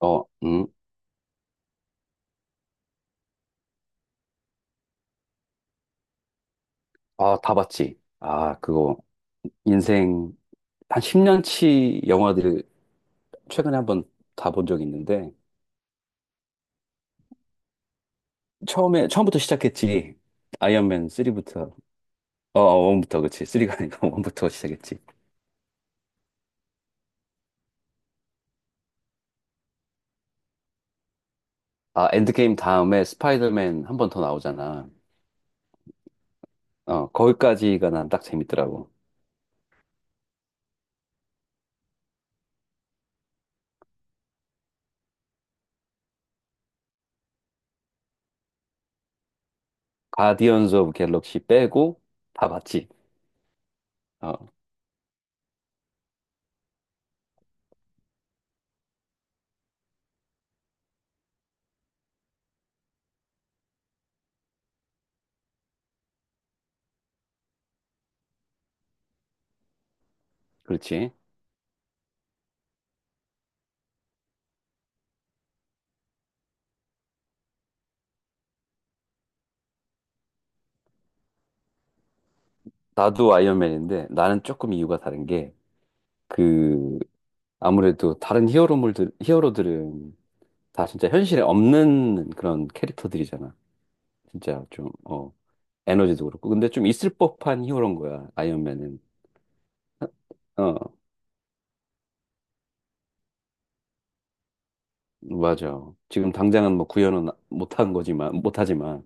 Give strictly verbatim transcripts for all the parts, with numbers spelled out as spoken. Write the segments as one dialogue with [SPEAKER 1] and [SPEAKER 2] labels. [SPEAKER 1] 어, 음, 아, 다 봤지. 아, 그거, 인생, 한 십 년치 영화들을 최근에 한번 다 본 적이 있는데, 처음에, 처음부터 시작했지. 아이언맨 쓰리부터, 어, 어, 부터 그치. 쓰리가 아니고 원부터 시작했지. 아, 엔드게임 다음에 스파이더맨 한 번 더 나오잖아. 어, 거기까지가 난 딱 재밌더라고. 가디언즈 오브 갤럭시 빼고 다 봤지. 어, 그렇지. 나도 아이언맨인데, 나는 조금 이유가 다른 게, 그 아무래도 다른 히어로물들, 히어로들은 다 진짜 현실에 없는 그런 캐릭터들이잖아. 진짜 좀, 어, 에너지도 그렇고. 근데 좀 있을 법한 히어로인 거야, 아이언맨은. 어, 맞아. 지금 당장은 뭐 구현은 못한 거지만, 못하지만,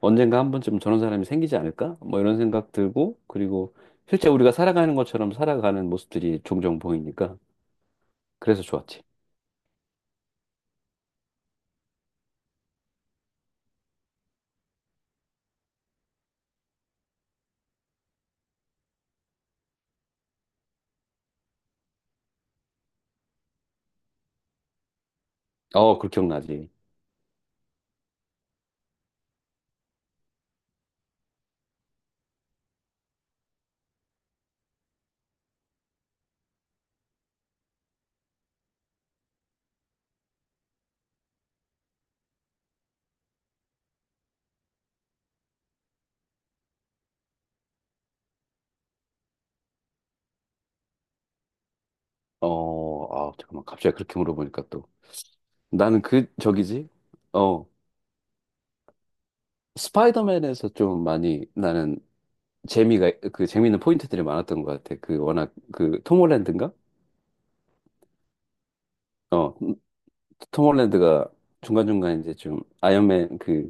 [SPEAKER 1] 언젠가 한 번쯤 저런 사람이 생기지 않을까? 뭐 이런 생각 들고, 그리고 실제 우리가 살아가는 것처럼 살아가는 모습들이 종종 보이니까, 그래서 좋았지. 어, 그 기억나지. 어, 아, 잠깐만. 갑자기 그렇게 물어보니까 또. 나는 그, 저기지? 어, 스파이더맨에서 좀 많이 나는 재미가 그 재미있는 포인트들이 많았던 것 같아. 그 워낙 그 톰 홀랜드인가? 어, 톰 홀랜드가 중간중간 이제 좀 아이언맨 그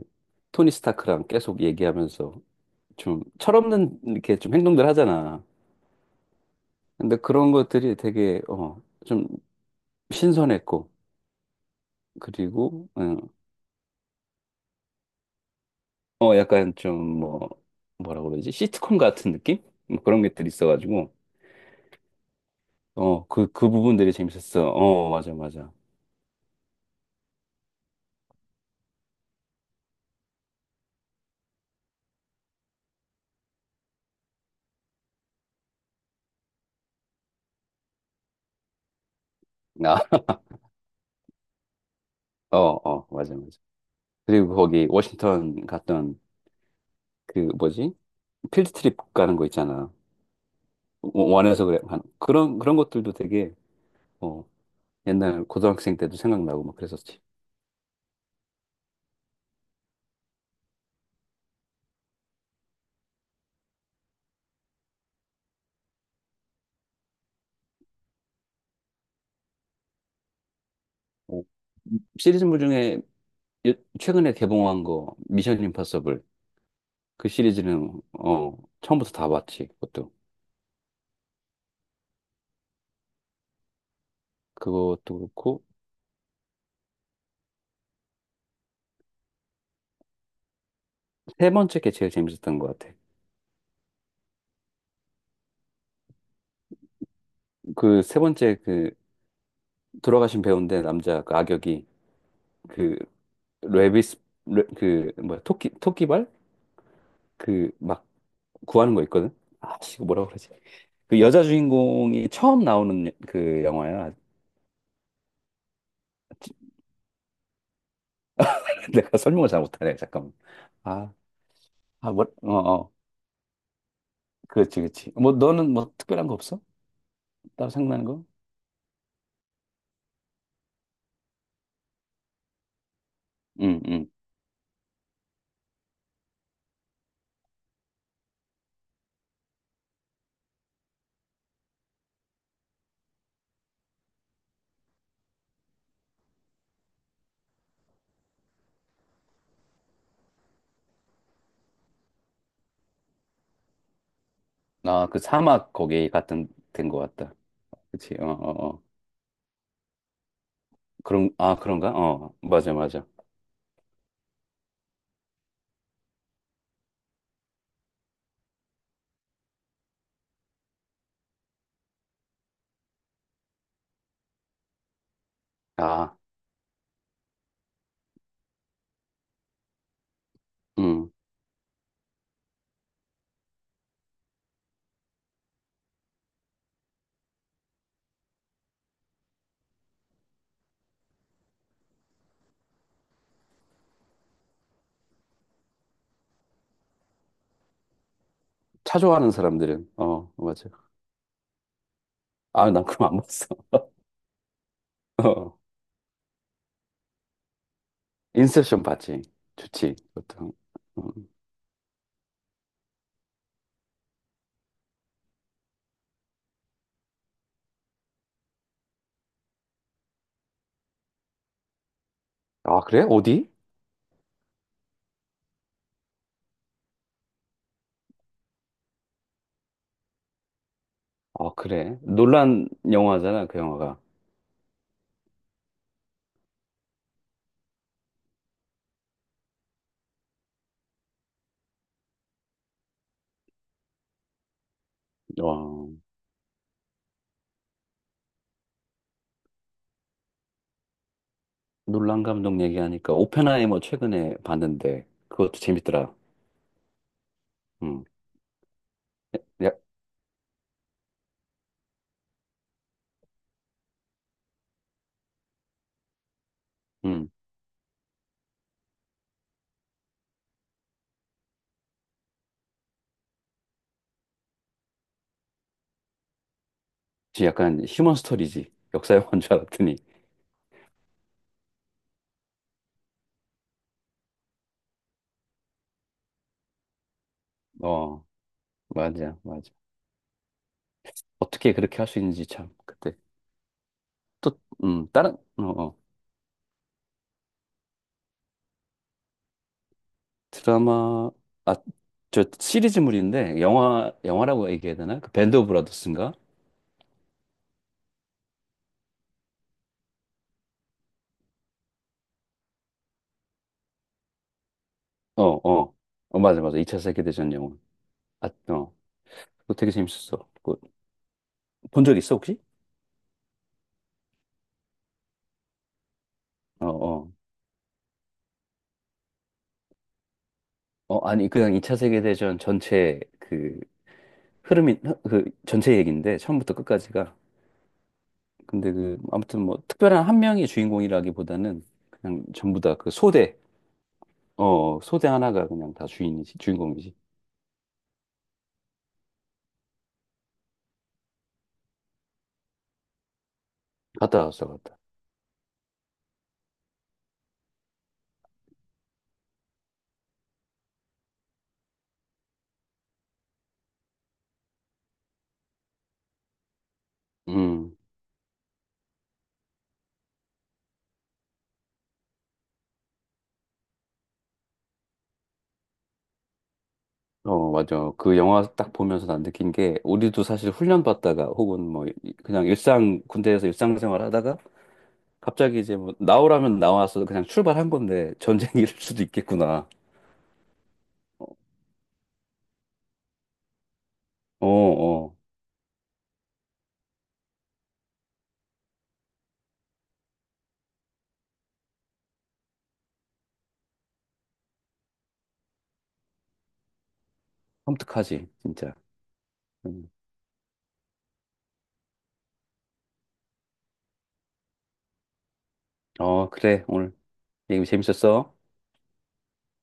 [SPEAKER 1] 토니 스타크랑 계속 얘기하면서 좀 철없는 이렇게 좀 행동들 하잖아. 근데 그런 것들이 되게 어, 좀 신선했고 그리고 응, 어 약간 좀 뭐 뭐라고 그러지? 시트콤 같은 느낌? 뭐 그런 것들이 있어가지고 어, 그, 그 부분들이 재밌었어. 어, 맞아, 맞아. 아, 어, 어, 맞아, 맞아. 그리고 거기 워싱턴 갔던 그 뭐지? 필드 트립 가는 거 있잖아. 원- 원해서 그래. 한- 그런, 그런 것들도 되게, 어, 옛날 고등학생 때도 생각나고 막 그랬었지. 어, 시리즈물 중에 요- 최근에 개봉한 거, 미션 임파서블. 그 시리즈는, 어, 처음부터 다 봤지, 그것도. 그것도 그렇고, 세 번째 게 제일 재밌었던 것 같아. 그 세 번째 그, 돌아가신 배우인데, 남자 그 악역이, 그 레비스 레, 그 뭐야 토끼 토끼발 그 막 구하는 거 있거든. 아 씨, 이거 뭐라 그러지? 그 여자 주인공이 처음 나오는 그 영화야. 내가 설명을 잘 못하네. 잠깐만. 아, 아, 뭐, 어, 어. 그렇지, 그렇지. 뭐 너는 뭐 특별한 거 없어? 따로 생각나는 거? 응, 응. 아, 그 사막 거기 같은 된 거 같다. 그렇지. 어, 어, 어. 그런 아 그런가? 어, 맞아, 맞아. 아, 음. 차 좋아하는 사람들은 어, 맞아. 아, 난 그럼 안 봤어. 어. 인셉션 봤지? 좋지. 그것도. 음. 아, 그래? 어디? 아, 그래. 놀란 영화잖아, 그 영화가. 와, 놀란 감독 얘기하니까 오펜하이머 최근에 봤는데 그것도 재밌더라. 음. 야, 음. 지 약간 휴먼 스토리지. 역사 영화인 줄 알았더니. 어, 맞아, 맞아. 어떻게 그렇게 할 수 있는지 참 그때. 또, 음, 다른 어, 어. 드라마 아, 저 시리즈물인데 영화 영화라고 얘기해야 되나? 그 밴드 오브 브라더스인가? 어, 어. 어, 맞아, 맞아. 이 차 세계대전 영화. 아, 어. 그거 되게 재밌었어. 그거 본 적 있어, 혹시? 어, 어. 어, 아니, 그냥 이 차 세계대전 전체 그 흐름이, 그 전체 얘기인데, 처음부터 끝까지가. 근데 그, 아무튼 뭐, 특별한 한 명이 주인공이라기보다는 그냥 전부 다 그 소대, 어, 어. 소대 하나가 그냥 다 주인이지, 주인공이지. 갔다 왔어, 갔다. 음. 어, 맞아. 그 영화 딱 보면서 난 느낀 게, 우리도 사실 훈련 받다가, 혹은 뭐, 이- 그냥 일상, 군대에서 일상생활 하다가, 갑자기 이제 뭐 나오라면 나와서 그냥 출발한 건데 전쟁일 수도 있겠구나. 어, 어. 섬뜩하지, 진짜. 음. 어, 그래. 오늘 얘기 재밌었어.